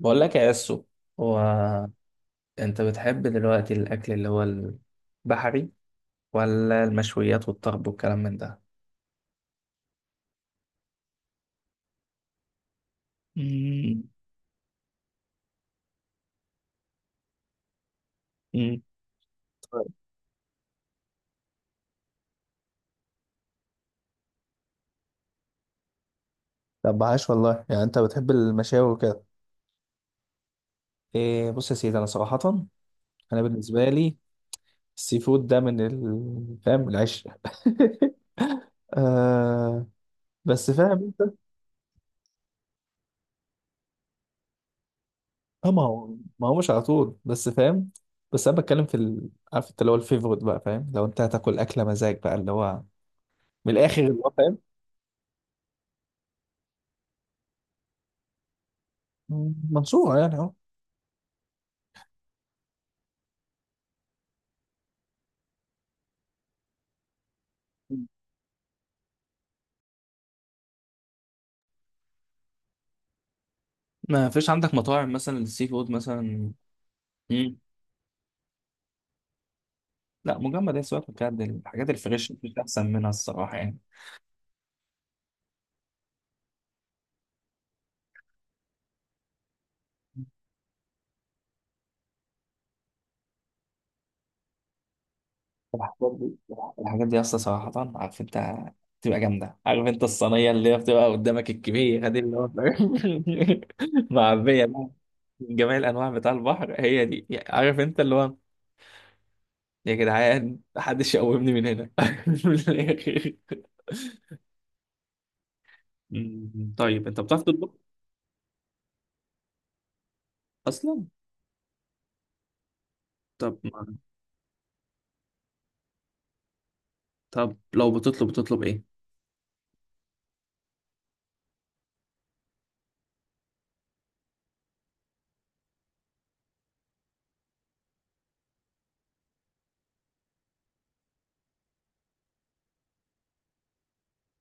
بقول لك يا اسو. هو، انت بتحب دلوقتي الاكل اللي هو البحري ولا المشويات والطرب والكلام من ده؟ مم. مم. طب عاش والله، يعني انت بتحب المشاوي وكده. إيه، بص يا سيدي، انا صراحة انا بالنسبة لي السي فود ده من فاهم العشق. آه، بس فاهم انت. اه، ما هو مش على طول بس فاهم. بس انا بتكلم في عارف انت اللي هو الفيفورت بقى، فاهم؟ لو انت هتاكل اكله مزاج بقى اللي هو من الاخر اللي هو فاهم. منصوره يعني اهو. ما فيش عندك مطاعم مثلا السي فود مثلا؟ مم. لا مجمد، هي سواء بجد الحاجات الفريش مفيش احسن منها الصراحه يعني. الحاجات دي الحاجات دي اصلا صراحه عارف انت بتبقى جامده. عارف انت الصينيه اللي هي بتبقى قدامك الكبيره دي اللي هو معبيه بقى من جميع الانواع بتاع البحر. هي دي عارف انت اللي هو. يا جدعان، محدش يقومني من هنا. من الآخر. مم. طيب انت بتعرف تطبخ اصلا؟ طب ما- طب لو بتطلب ايه؟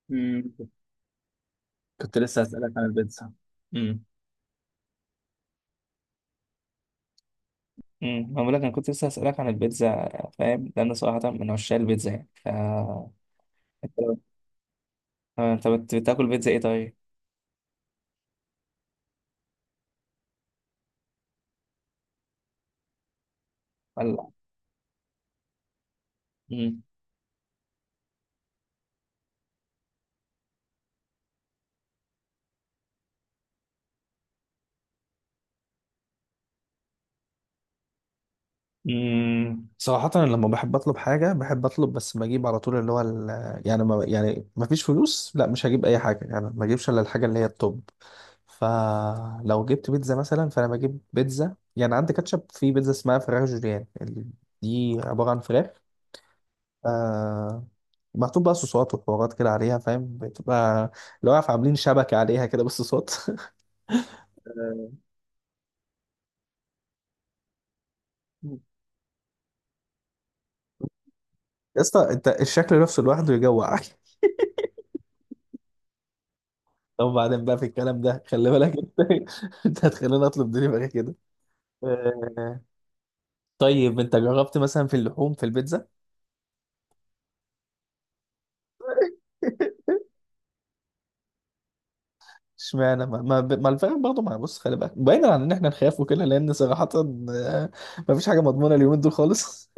مم. كنت لسه هسألك عن البيتزا. امم بقول لك انا كنت لسه هسألك عن البيتزا، فاهم؟ لان صراحة من عشان البيتزا يعني ف انت. أنت بتاكل بيتزا ايه طيب؟ ولا امم صراحة أنا لما بحب أطلب حاجة بحب أطلب، بس بجيب على طول اللي هو يعني، ما يعني ما فيش فلوس، لا مش هجيب أي حاجة، يعني ما أجيبش إلا الحاجة اللي هي التوب. فلو جبت بيتزا مثلا فأنا بجيب بيتزا، يعني عندي كاتشب في بيتزا اسمها فراخ جوليان دي عبارة عن فراخ. آه محطوط بقى صوصات وحوارات كده عليها فاهم؟ بتبقى لو عارف عاملين شبكة عليها كده بالصوصات. يا اسطى أنت، الشكل نفسه لوحده يجوع! طب بعدين بقى في الكلام ده خلي بالك انت. انت هتخليني اطلب دليفري كده. آه، طيب انت جربت مثلا في اللحوم في البيتزا؟ اشمعنى؟ ما الفراخ برضه؟ ما بص، خلي بالك بعيدا عن ان احنا نخاف وكده، لان صراحة آه، ما فيش حاجة مضمونة اليومين دول خالص.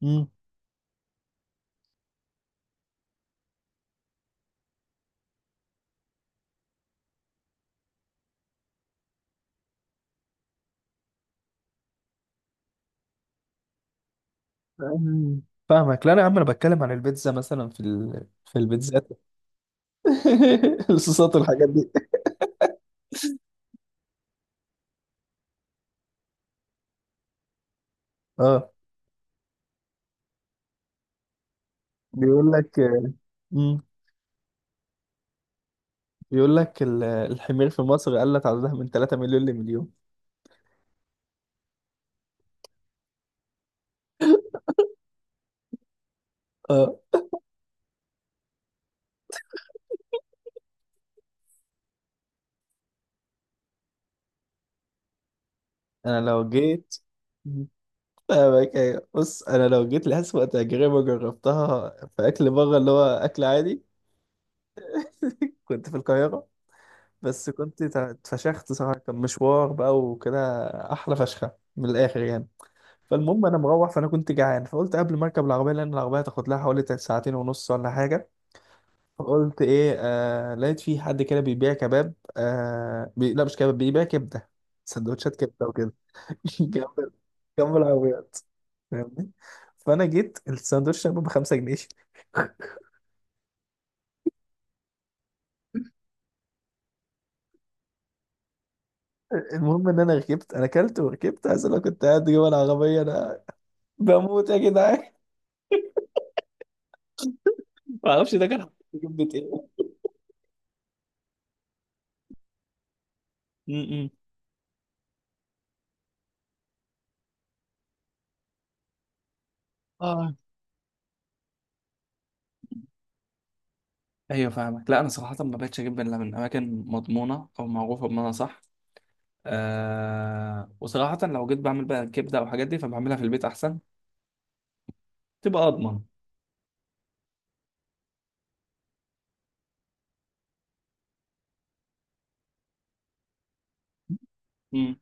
مم. أمم. فاهمك. لا انا يا عم انا بتكلم عن البيتزا مثلا في في البيتزات. الصوصات والحاجات دي. اه. بيقول لك مم. بيقول لك الحمير في مصر قلت عددها من 3 مليون لمليون. آه. انا لو جيت. فاهمك أيوة. بص، انا لو جيت لأسوأ تجربة جربتها في اكل بره اللي هو اكل عادي. كنت في القاهرة، بس كنت اتفشخت صراحة، كان مشوار بقى وكده، احلى فشخة من الاخر يعني. فالمهم انا مروح، فانا كنت جعان فقلت قبل ما اركب العربية، لان العربية هتاخد لها حوالي ساعتين ونص ولا حاجة. فقلت ايه، آه لقيت في حد كده بيبيع كباب، آه، لا مش كباب، بيبيع كبدة. سندوتشات كبدة وكده. جنب، جنب العربيات فاهمني. فانا جيت الساندوتش كان ب 5 جنيه. المهم ان انا ركبت انا اكلت وركبت، عايز اقول لك كنت قاعد جوه العربيه انا، بموت يا جدعان. ما اعرفش ده كان جبت ايه. م-م. اه. ايوه فاهمك. لا انا صراحه ما بقتش اجيب الا من اماكن مضمونه او معروفه بمعنى صح. آه وصراحه لو جيت بعمل بقى كبده او حاجات دي، فبعملها في البيت احسن، تبقى اضمن. امم.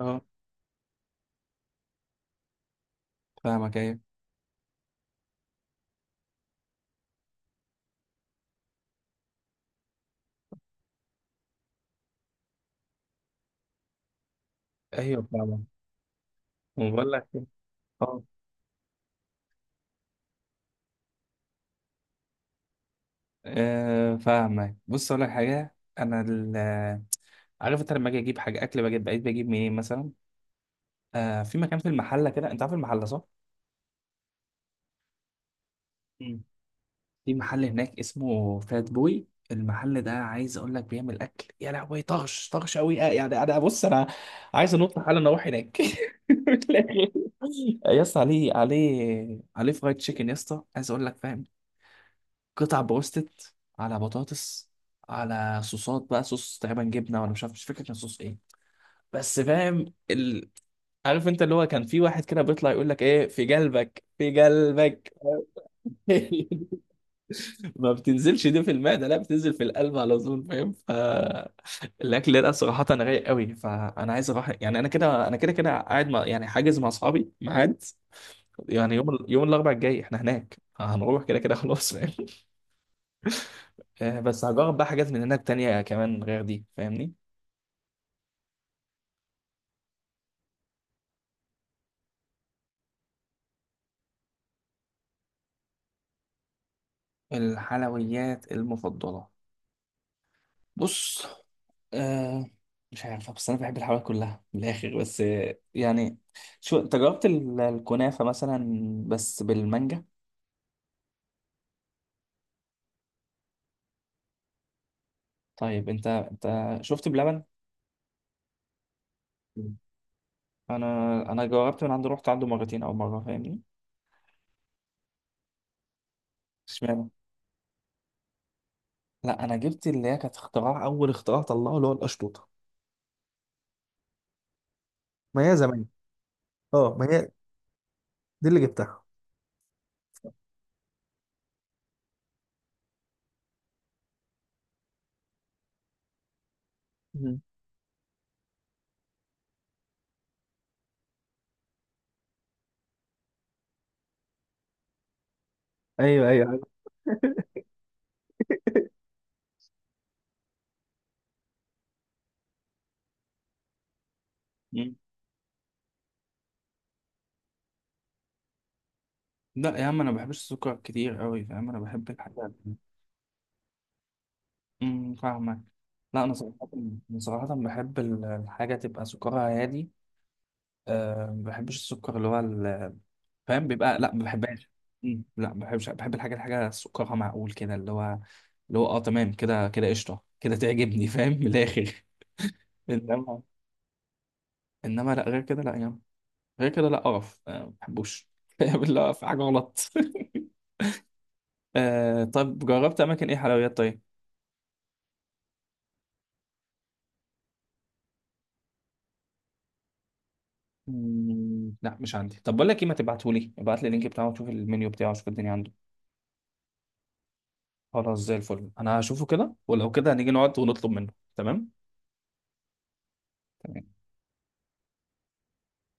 اه فاهمك ايوه. ايوه فاهمك. بقول لك إيه، اه. أه فاهمك. بص اقول لك حاجه، انا عارف انت، لما اجي اجيب حاجه اكل بجد بقيت بجيب منين مثلا؟ أه، في مكان في المحله كده، انت عارف المحله صح؟ مم. في محل هناك اسمه فات بوي، المحل ده عايز اقول لك بيعمل اكل يا لهوي طغش طغش قوي، يعني انا بص انا عايز انط حالا اروح هناك. من الآخر. يا اسطى، عليه عليه عليه فرايد تشيكن يا اسطى، عايز اقول لك فاهم، قطع بروستد على بطاطس على صوصات بقى، صوص تقريبا جبنه ولا مش عارف، مش فاكر كان صوص ايه. بس فاهم ال... عارف انت اللي هو كان في واحد كده بيطلع يقول لك ايه في قلبك في قلبك. ما بتنزلش دي في المعده، لا بتنزل في القلب على طول، فاهم؟ فالاكل ده صراحه انا رايق قوي، فانا عايز اروح. يعني انا كده كده قاعد مع يعني حاجز مع اصحابي ميعاد. يعني يوم يوم الاربعاء الجاي احنا هناك هنروح كده كده خلاص فاهم. بس هجرب بقى حاجات من هناك تانية كمان غير دي فاهمني. الحلويات المفضله، بص، آه، مش عارفة، بس أنا بحب الحلويات كلها من الآخر. بس يعني، شو، أنت جربت الكنافة مثلا بس بالمانجا؟ طيب أنت، أنت شفت بلبن؟ مم. أنا، أنا جربت من عنده، رحت عنده مرتين أو مرة فاهمني؟ اشمعنى؟ لا أنا جبت اللي هي كانت اختراع، أول اختراع طلعه اللي هو القشطوطة. ما هي زمان. اه ما هي دي اللي جبتها. مم. ايوه ايوه ايوه. مم. لا يا عم انا ما بحبش السكر كتير قوي فاهم، انا بحب الحاجات. فاهمك. لا انا صراحه، أنا صراحه بحب الحاجه تبقى سكرها هادي. أه ما بحبش السكر اللي هو فاهم بيبقى، لا ما بحبهاش. أمم، لا ما بحبش، بحب الحاجه، الحاجه سكرها معقول كده اللي هو اللي هو اه تمام كده كده قشطه كده تعجبني فاهم من الاخر. انما، انما لا غير كده لا يعني، غير كده لا قرف أه ما بحبوش. بالله في حاجه غلط. أه، طب جربت اماكن ايه حلويات طيب؟ مم، لا مش عندي. طب بقول لك ايه، ما تبعتهولي، ابعت لي اللينك بتاعه وشوف المنيو بتاعه، شوف الدنيا عنده. خلاص زي الفل، انا هشوفه كده ولو كده هنيجي نقعد ونطلب منه، تمام. تمام.